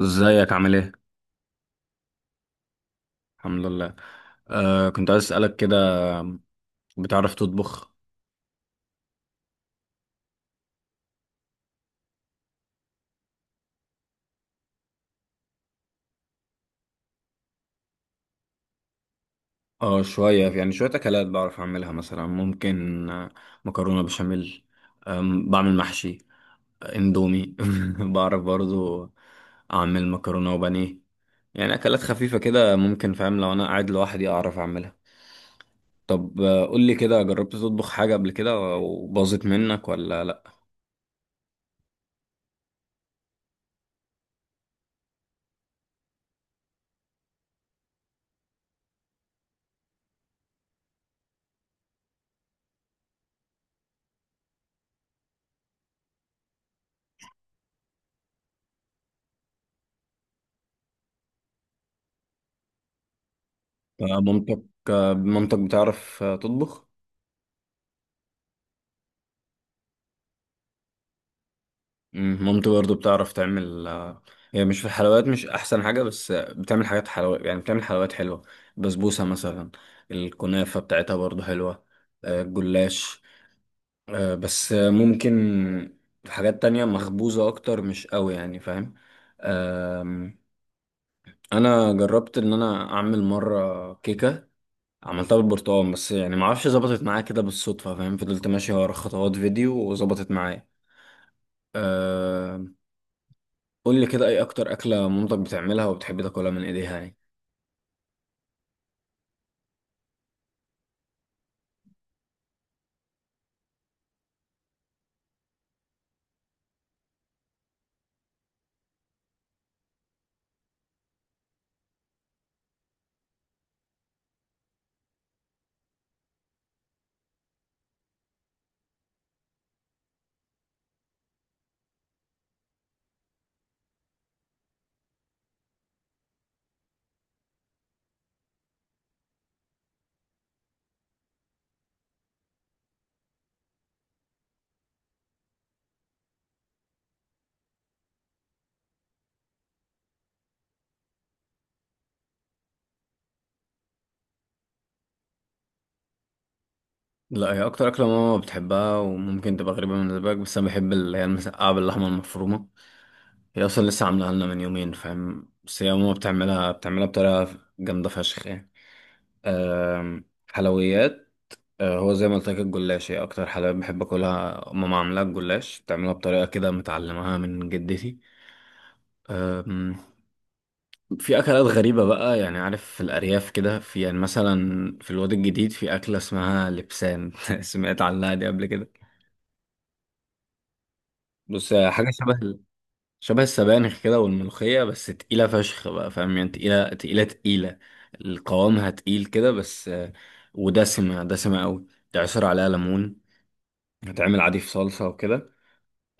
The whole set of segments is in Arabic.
ازيك عامل ايه؟ الحمد لله. كنت عايز اسألك كده. بتعرف تطبخ؟ اه، شوية يعني شوية أكلات بعرف أعملها، مثلا ممكن مكرونة بشاميل. بعمل محشي. اندومي بعرف برضو. أعمل مكرونة وبانيه. يعني أكلات خفيفة كده ممكن، فاهم؟ لو أنا قاعد لوحدي أعرف أعملها. طب قول لي كده، جربت تطبخ حاجة قبل كده وباظت منك ولا لأ؟ مامتك. مامتك بتعرف تطبخ؟ مامتي برضه بتعرف تعمل هي مش في الحلويات مش احسن حاجه، بس بتعمل حاجات حلويات. يعني بتعمل حلويات حلوه. بسبوسه مثلا. الكنافه بتاعتها برضه حلوه. الجلاش. بس ممكن حاجات تانية مخبوزه اكتر مش قوي، يعني فاهم. آم، انا جربت ان انا اعمل مره كيكه. عملتها بالبرتقال، بس يعني معرفش ظبطت معايا كده بالصدفه فاهم، فضلت ماشي ورا خطوات فيديو وظبطت معايا. قول لي كده، ايه اكتر اكله مامتك بتعملها وبتحب تاكلها من ايديها يعني؟ لا، هي اكتر اكله ماما بتحبها وممكن تبقى غريبه بالنسبه لك، بس انا بحب اللي هي المسقعه باللحمه المفرومه. هي اصلا لسه عاملاها لنا من يومين فاهم، بس هي ماما بتعملها بطريقه جامده فشخ يعني. حلويات. هو زي ما قلت لك، الجلاش هي اكتر حلويات بحب اكلها. ماما عاملاها الجلاش بتعملها بطريقه كده متعلمها من جدتي. في اكلات غريبه بقى يعني، عارف، في الارياف كده، في يعني مثلا في الواد الجديد في اكله اسمها لبسان سمعت عنها دي قبل كده؟ بص، هي حاجه شبه شبه السبانخ كده والملوخيه، بس تقيله فشخ بقى فاهم يعني، تقيله تقيله تقيله. القوامها تقيل كده بس ودسمه دسمه قوي. تعصر عليها ليمون. هتعمل عادي في صلصه وكده.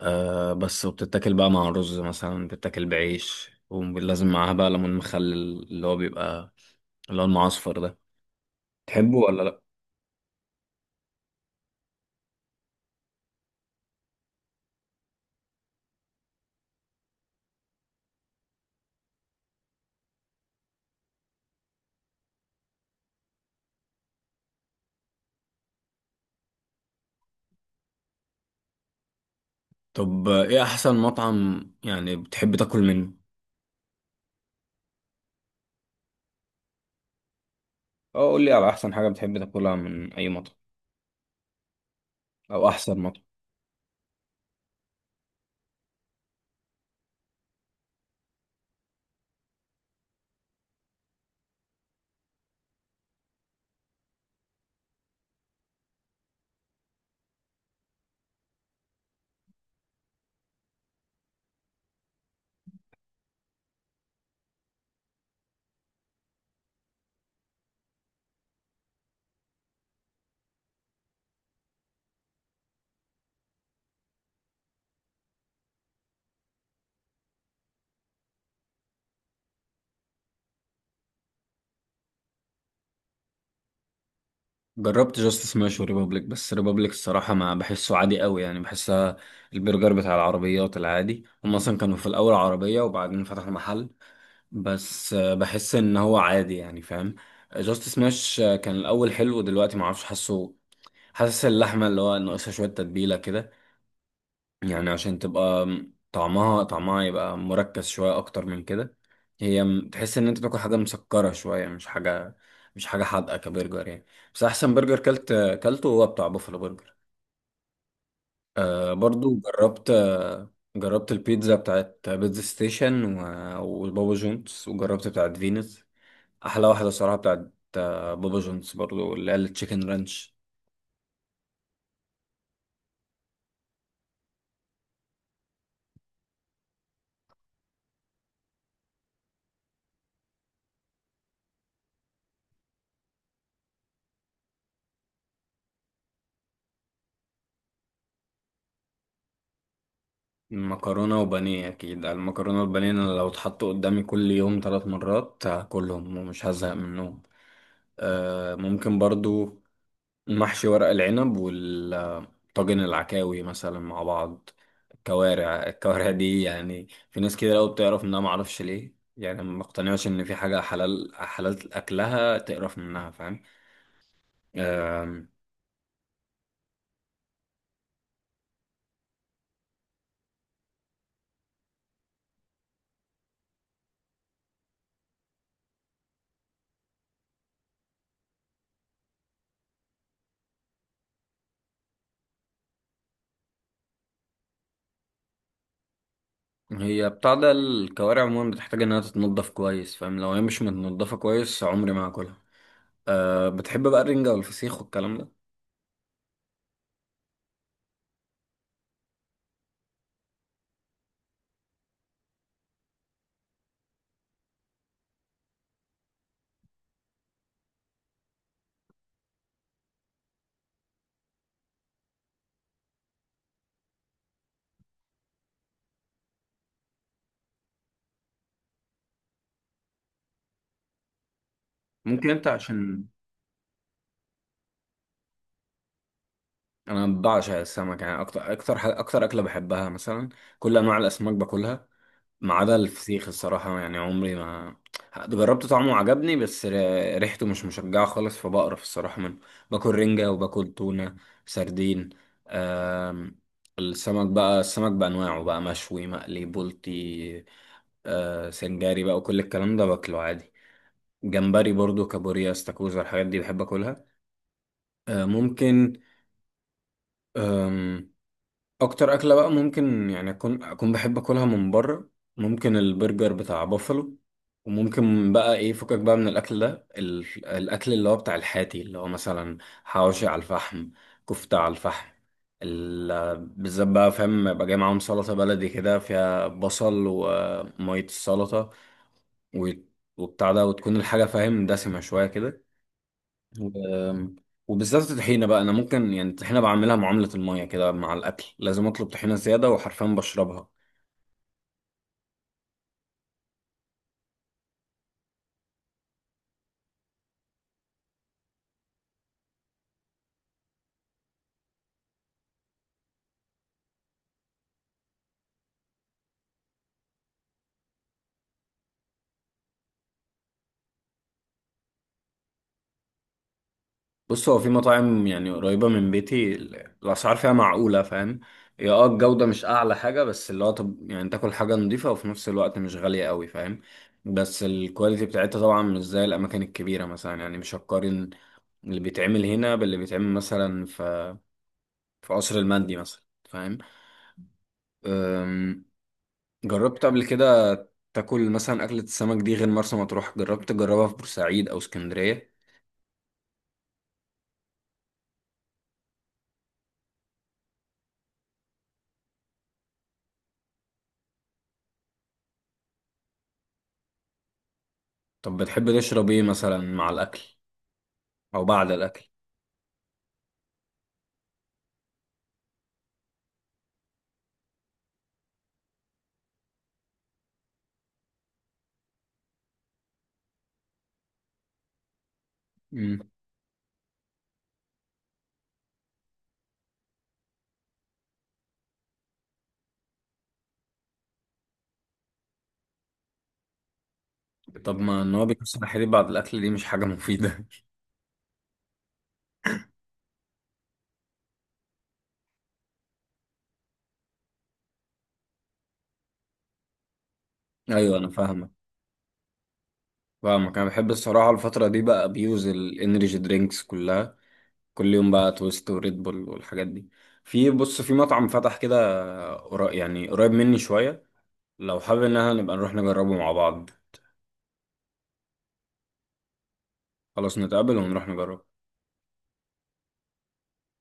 أه، بس وبتتاكل بقى مع رز مثلا، بتتاكل بعيش، ولازم معاها بقى ليمون مخلل اللي هو بيبقى اللي هو المعصفر ده. تحبه ولا لا؟ طب ايه احسن مطعم يعني بتحب تاكل منه؟ اه، قول لي على احسن حاجه بتحب تاكلها من اي مطعم، او احسن مطعم. جربت جاست سماش وريبابليك، بس ريبابليك الصراحه ما بحسه عادي قوي، يعني بحسها البرجر بتاع العربيات العادي. هم اصلا كانوا في الاول عربيه وبعدين فتحوا محل. بس بحس ان هو عادي يعني فاهم. جاست سماش كان الاول حلو، دلوقتي ما اعرفش. حاسه حاسس اللحمه اللي هو ناقصها شويه تتبيله كده، يعني عشان تبقى طعمها يبقى مركز شوية أكتر من كده. هي تحس إن أنت بتاكل حاجة مسكرة شوية، مش حاجة حادقة كبرجر يعني. بس أحسن برجر كلته هو بتاع بوفالو برجر. برضو جربت البيتزا بتاعت بيتزا ستيشن وبابا جونز، وجربت بتاعت فينوس. أحلى واحدة صراحة بتاعت بابا جونز برضو اللي هي التشيكن رانش. مكرونة وبانيه أكيد. المكرونة والبانيه أنا لو اتحطوا قدامي كل يوم 3 مرات هاكلهم ومش هزهق منهم. ممكن برضو محشي ورق العنب والطاجن، العكاوي مثلا مع بعض. الكوارع دي يعني في ناس كده لو بتعرف منها معرفش ليه، يعني ما بقتنعش إن في حاجة حلال حلال أكلها تقرف منها فاهم. هي بتاع ده، الكوارع عموما بتحتاج إنها تتنضف كويس فاهم، لو هي مش متنضفة كويس عمري ما هاكلها. أه، بتحب بقى الرنجة والفسيخ والكلام ده؟ ممكن انت عشان انا بعشق السمك، يعني اكتر اكلة بحبها مثلا. كل انواع الاسماك باكلها ما عدا الفسيخ الصراحة، يعني عمري ما جربت طعمه وعجبني، بس ريحته مش مشجعة خالص فبقرف الصراحة منه. باكل رنجة وباكل تونة، سردين. أم... السمك بأنواعه بقى مشوي مقلي بلطي. سنجاري بقى وكل الكلام ده باكله عادي. جمبري برضو، كابوريا، استاكوزا، الحاجات دي بحب اكلها. ممكن آم، اكتر اكله بقى ممكن يعني اكون بحب اكلها من بره ممكن البرجر بتاع بافلو. وممكن بقى ايه فكك بقى من الاكل ده، الاكل اللي هو بتاع الحاتي اللي هو مثلا حواوشي على الفحم، كفته على الفحم. بالذات بقى فاهم، يبقى جاي معاهم سلطه بلدي كده فيها بصل وميه السلطه و- وبتاع ده، وتكون الحاجه فاهم دسمه شويه كده و- وبالذات الطحينة بقى. أنا ممكن يعني الطحينة بعملها معاملة المية كده مع الأكل، لازم أطلب طحينة زيادة وحرفيا بشربها. بص، هو في مطاعم يعني قريبة من بيتي الأسعار فيها معقولة فاهم. هي الجودة مش أعلى حاجة، بس اللي هو، طب يعني تاكل حاجة نظيفة وفي نفس الوقت مش غالية قوي فاهم. بس الكواليتي بتاعتها طبعا مش زي الأماكن الكبيرة، مثلا يعني مش هقارن اللي بيتعمل هنا باللي بيتعمل مثلا في قصر المندي مثلا فاهم. جربت قبل كده تاكل مثلا أكلة السمك دي غير مرسى مطروح؟ جربت تجربها في بورسعيد أو اسكندرية؟ طب بتحب تشرب ايه مثلا مع الأكل أو بعد الأكل؟ مم. طب ما إن هو بيكسر الحليب بعد الأكل دي مش حاجة مفيدة. أيوه أنا فاهمك. فاهمك، أنا بحب الصراحة الفترة دي بقى أبيوز الإنرجي درينكس كلها، كل يوم بقى تويست وريد بول والحاجات دي. بص، في مطعم فتح كده يعني قريب مني شوية، لو حابب إن احنا نبقى نروح نجربه مع بعض. خلاص، نتقابل ونروح نجربه.